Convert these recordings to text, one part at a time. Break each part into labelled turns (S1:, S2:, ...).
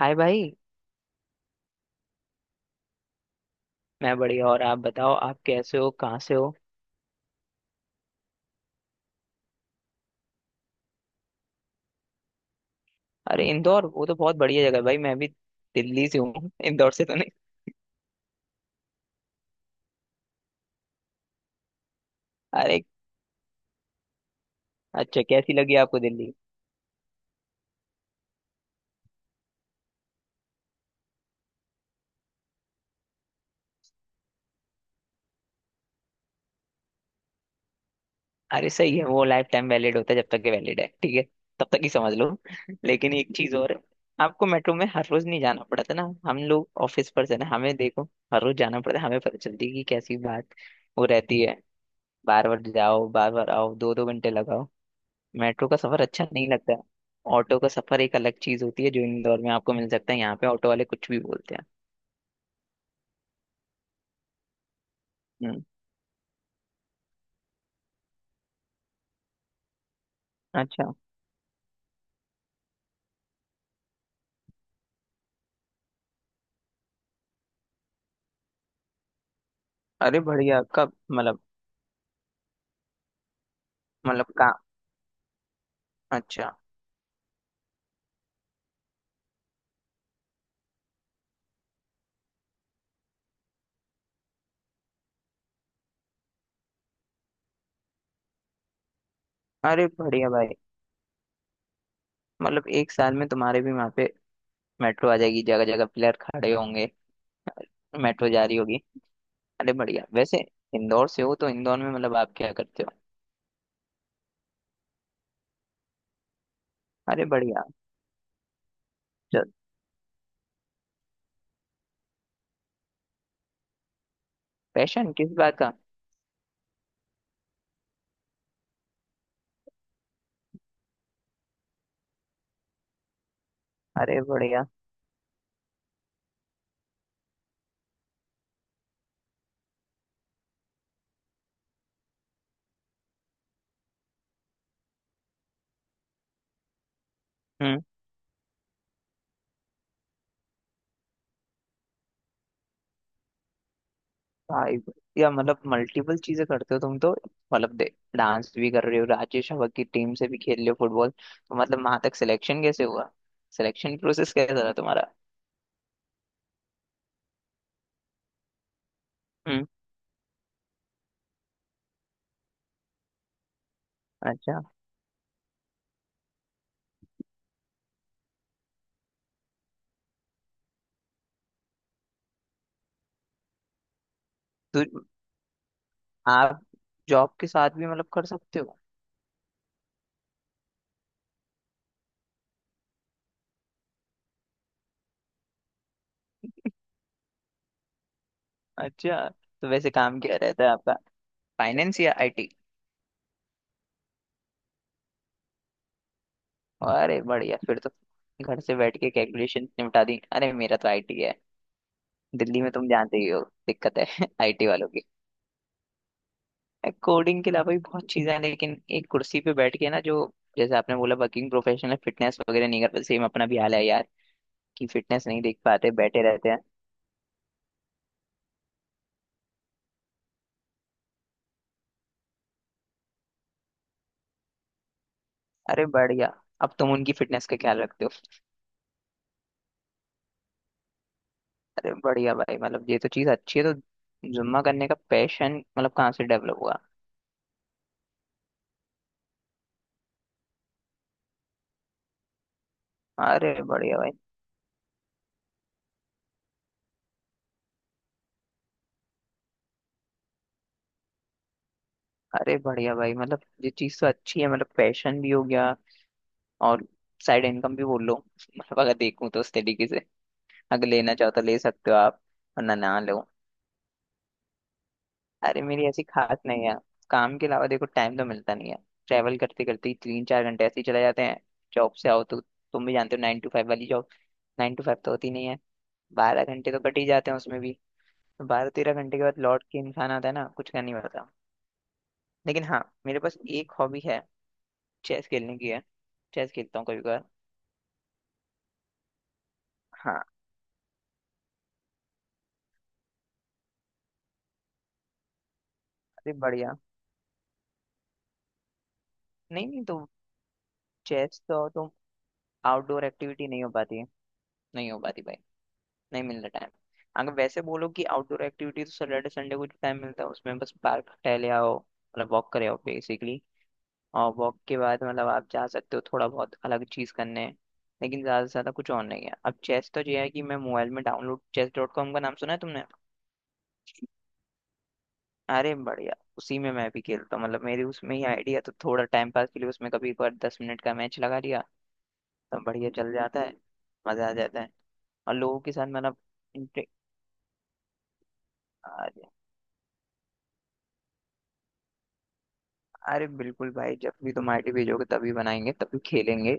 S1: हाय भाई। मैं बढ़िया, और आप बताओ, आप कैसे हो, कहाँ से हो? अरे इंदौर! वो तो बहुत बढ़िया जगह है भाई। मैं भी दिल्ली से हूँ इंदौर से तो नहीं। अरे अच्छा, कैसी लगी आपको दिल्ली? अरे सही है, वो लाइफ टाइम वैलिड होता है, जब तक ये वैलिड है ठीक है, तब तक ही समझ लो। लेकिन एक चीज और है, आपको मेट्रो में हर रोज नहीं जाना पड़ता ना। हम लोग ऑफिस पर से ना, हमें देखो, हर रोज जाना पड़ता है, हमें पता चलती है कि कैसी बात वो रहती है। बार बार जाओ, बार बार आओ, दो दो घंटे लगाओ, मेट्रो का सफर अच्छा नहीं लगता है। ऑटो का सफर एक अलग चीज होती है, जो इंदौर में आपको मिल सकता है, यहाँ पे ऑटो वाले कुछ भी बोलते हैं। हम्म। अच्छा। अरे बढ़िया, कब मतलब? मतलब का? अच्छा। अरे बढ़िया भाई, मतलब एक साल में तुम्हारे भी वहाँ पे मेट्रो आ जाएगी, जगह जगह पिलर खड़े होंगे, मेट्रो जा रही होगी। अरे बढ़िया। वैसे इंदौर से हो तो इंदौर में मतलब आप क्या करते हो? अरे बढ़िया। चल। पैशन किस बात का? अरे बढ़िया। हम्म। भाई, या मतलब मल्टीपल चीजें करते हो तुम तो, मतलब दे डांस भी कर रहे हो, राजेश हवा की टीम से भी खेल रहे हो फुटबॉल, तो मतलब वहां तक सिलेक्शन कैसे हुआ? सिलेक्शन प्रोसेस कैसा था तुम्हारा? हम्म। अच्छा, तो आप जॉब के साथ भी मतलब कर सकते हो? अच्छा, तो वैसे काम क्या रहता है आपका? फाइनेंस या आईटी? अरे बढ़िया, फिर तो घर से बैठ के कैलकुलेशन निपटा दी। अरे मेरा तो आईटी है। दिल्ली में तुम जानते ही हो दिक्कत है आईटी वालों की। कोडिंग के अलावा भी बहुत चीजें हैं, लेकिन एक कुर्सी पे बैठ के ना, जो जैसे आपने बोला, वर्किंग प्रोफेशनल फिटनेस वगैरह नहीं करते, सेम अपना भी हाल है यार, कि फिटनेस नहीं देख पाते, बैठे रहते हैं। अरे बढ़िया, अब तुम उनकी फिटनेस का ख्याल रखते हो। अरे बढ़िया भाई, मतलब ये तो चीज अच्छी है, तो जुम्मा करने का पैशन मतलब कहाँ से डेवलप हुआ? अरे बढ़िया भाई। अरे बढ़िया भाई, मतलब ये चीज तो अच्छी है, मतलब पैशन भी हो गया, और साइड इनकम भी बोल लो, मतलब अगर देखूं तो उस तरीके से, अगर लेना चाहो तो ले सकते हो आप, वरना ना लो। अरे मेरी ऐसी खास नहीं है, काम के अलावा देखो टाइम तो मिलता नहीं है, ट्रैवल करते करते ही 3-4 घंटे ऐसे ही चले जाते हैं। जॉब से आओ, तो तुम भी जानते हो 9 to 5 वाली जॉब, 9 to 5 तो होती नहीं है, 12 घंटे तो कट ही जाते हैं उसमें भी। तो 12-13 घंटे के बाद लौट के इंसान आता है ना, कुछ करने नहीं पड़ता। लेकिन हाँ, मेरे पास एक हॉबी है, चेस खेलने की है, चेस खेलता हूँ कभी कभार। हाँ। अरे बढ़िया। नहीं नहीं तो, चेस तो तुम, आउटडोर एक्टिविटी नहीं हो पाती है, नहीं हो पाती भाई, नहीं मिल रहा टाइम। अगर वैसे बोलो कि आउटडोर एक्टिविटी, तो सैटरडे संडे को जो टाइम मिलता है उसमें बस पार्क टहले आओ, मतलब वॉक करे आओ बेसिकली। और वॉक के बाद मतलब आप जा सकते हो थोड़ा बहुत अलग चीज़ करने, लेकिन ज़्यादा से ज़्यादा कुछ और नहीं है। अब चेस तो ये है कि मैं मोबाइल में डाउनलोड, चेस डॉट कॉम का नाम सुना है तुमने? अरे बढ़िया, उसी में मैं भी खेलता हूँ, मतलब मेरी उसमें ही आइडिया, तो थोड़ा टाइम पास के लिए उसमें कभी एक बार 10 मिनट का मैच लगा लिया, तो बढ़िया चल जाता है, मज़ा आ जाता है, और लोगों के साथ। मतलब। अरे बिल्कुल भाई, जब भी तुम आईटी भेजोगे तभी बनाएंगे, तभी खेलेंगे।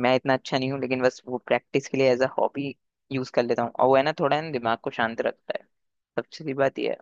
S1: मैं इतना अच्छा नहीं हूँ, लेकिन बस वो प्रैक्टिस के लिए एज अ हॉबी यूज कर लेता हूँ, और वो है ना, थोड़ा है ना, दिमाग को शांत रखता है, सबसे बड़ी बात ये है।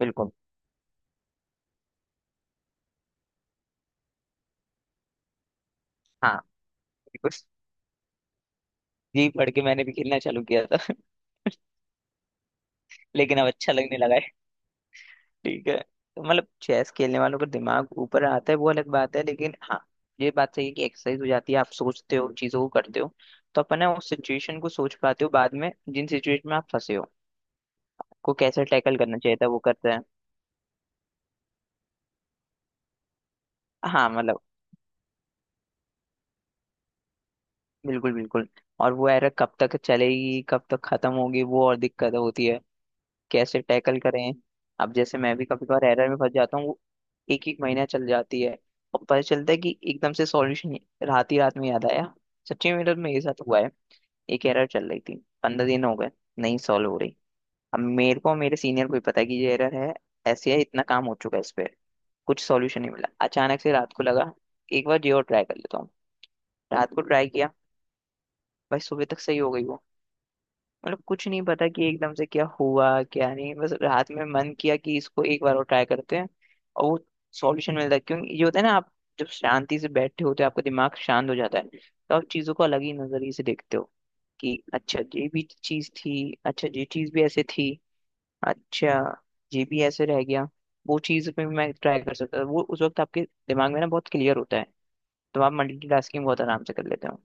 S1: बिल्कुल। हाँ बिल्कुल। जी पढ़ के मैंने भी खेलना चालू किया था लेकिन अब अच्छा लगने लगा है। ठीक है। तो मतलब चेस खेलने वालों का दिमाग ऊपर आता है वो अलग बात है, लेकिन हाँ, ये बात सही है कि एक्सरसाइज हो जाती है, आप सोचते हो, चीजों को करते हो, तो अपन ना उस सिचुएशन को सोच पाते हो बाद में, जिन सिचुएशन में आप फंसे हो को कैसे टैकल करना चाहिए था, वो करते हैं। हाँ मतलब। बिल्कुल बिल्कुल। और वो एरा कब तक चलेगी, कब तक खत्म होगी वो, और दिक्कत होती है कैसे टैकल करें। अब जैसे मैं भी कभी कभार एरर में फंस जाता हूँ, वो एक एक महीना चल जाती है, और पता चलता है कि एकदम से सॉल्यूशन रात ही रात में याद आया। सच्ची में मेरे में ये साथ हुआ है, एक एरर चल रही थी, 15 दिन हो गए, नहीं सॉल्व हो रही। अब मेरे को, मेरे सीनियर को ही पता है कि ये एरर है, ऐसे है, इतना काम हो चुका है इस पे, कुछ सॉल्यूशन नहीं मिला। अचानक से रात को लगा, एक बार ये और ट्राई कर लेता हूँ, रात को ट्राई किया, भाई सुबह तक सही हो गई वो। मतलब कुछ नहीं पता कि एकदम से क्या हुआ क्या नहीं, बस रात में मन किया कि इसको एक बार और ट्राई करते हैं, और वो सॉल्यूशन मिलता है। क्योंकि ये होता है ना, आप जब शांति से बैठे होते हो, आपका दिमाग शांत हो जाता है, तो आप चीज़ों को अलग ही नजरिए से देखते हो, कि अच्छा ये भी चीज़ थी, अच्छा ये चीज़ भी ऐसे थी, अच्छा ये भी ऐसे रह गया, वो चीज़ पे भी मैं ट्राई कर सकता था। वो उस वक्त आपके दिमाग में ना बहुत क्लियर होता है, तो आप मल्टीटास्किंग बहुत आराम से कर लेते हो।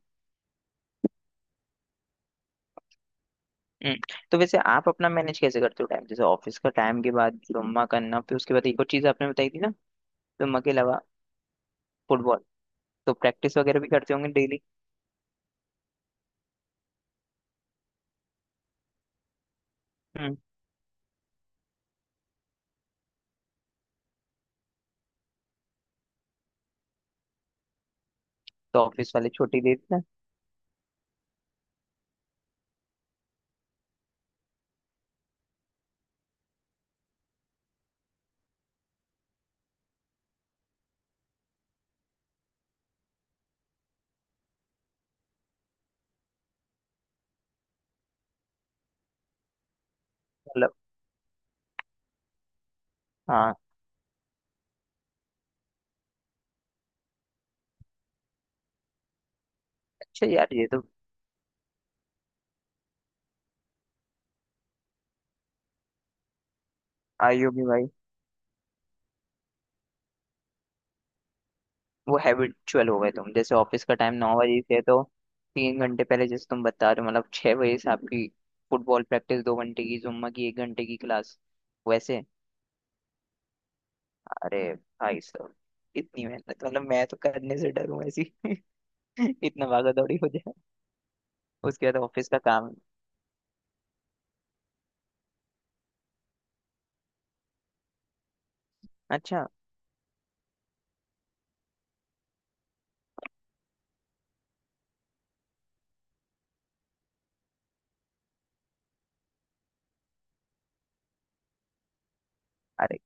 S1: हम्म, तो वैसे आप अपना मैनेज कैसे करते हो टाइम, जैसे ऑफिस का टाइम के बाद जुम्मा करना, फिर उसके बाद एक और चीज आपने बताई थी ना, जुम्मा के अलावा? फुटबॉल। तो प्रैक्टिस वगैरह भी करते होंगे डेली? हम्म। तो ऑफिस वाले छुट्टी दे देते हैं? मतलब। हाँ। अच्छा यार, ये तो आई होगी भाई। वो हैबिचुअल हो गए तुम, जैसे ऑफिस का टाइम 9 बजे से है, तो 3 घंटे पहले जैसे तुम बता रहे हो, मतलब 6 बजे से आपकी फुटबॉल प्रैक्टिस, 2 घंटे की, जुम्मा की एक घंटे की क्लास। वैसे। अरे भाई साहब, इतनी मेहनत मतलब मैं तो करने से डरूं ऐसी इतना भागा दौड़ी हो जाए, उसके बाद ऑफिस का काम। अच्छा। अरे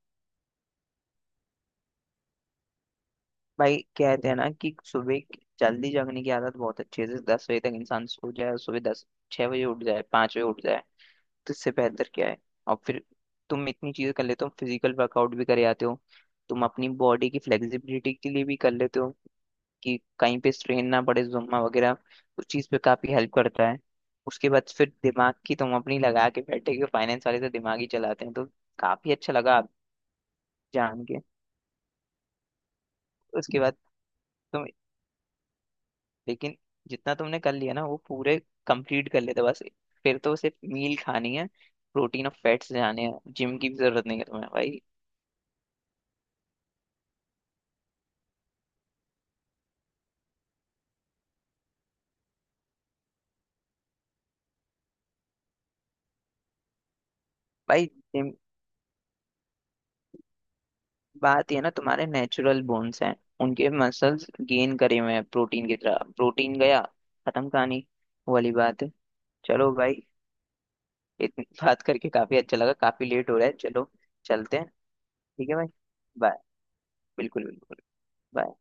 S1: भाई, कहते हैं ना कि जल्दी जगने की आदत बहुत अच्छी है, जैसे 10 बजे तक इंसान सो जाए और सुबह दस, 6 बजे उठ जाए, 5 बजे उठ जाए, तो इससे बेहतर क्या है। और फिर तुम इतनी चीजें कर लेते हो, फिजिकल वर्कआउट भी करे आते हो, तुम अपनी बॉडी की फ्लेक्सिबिलिटी के लिए भी कर लेते हो कि कहीं पे स्ट्रेन ना पड़े, जुम्मा वगैरह उस चीज पे काफी हेल्प करता है। उसके बाद फिर दिमाग की तुम अपनी लगा के बैठे हो, फाइनेंस वाले तो दिमाग ही चलाते हैं, तो काफी अच्छा लगा जान के। उसके बाद तुम, लेकिन जितना तुमने कर लिया ना वो पूरे कंप्लीट कर लेते बस, फिर तो सिर्फ मील खानी है, प्रोटीन और फैट्स जाने हैं, जिम की भी जरूरत नहीं है तुम्हें भाई। भाई जिम, बात ये है ना, तुम्हारे नेचुरल बोन्स हैं, उनके मसल्स गेन करे हुए हैं, प्रोटीन की तरह प्रोटीन गया, खत्म कहानी। वो वाली बात है। चलो भाई, इतनी बात करके काफी अच्छा लगा, काफी लेट हो रहा है, चलो चलते हैं। ठीक है भाई, बाय। बिल्कुल बिल्कुल। bye।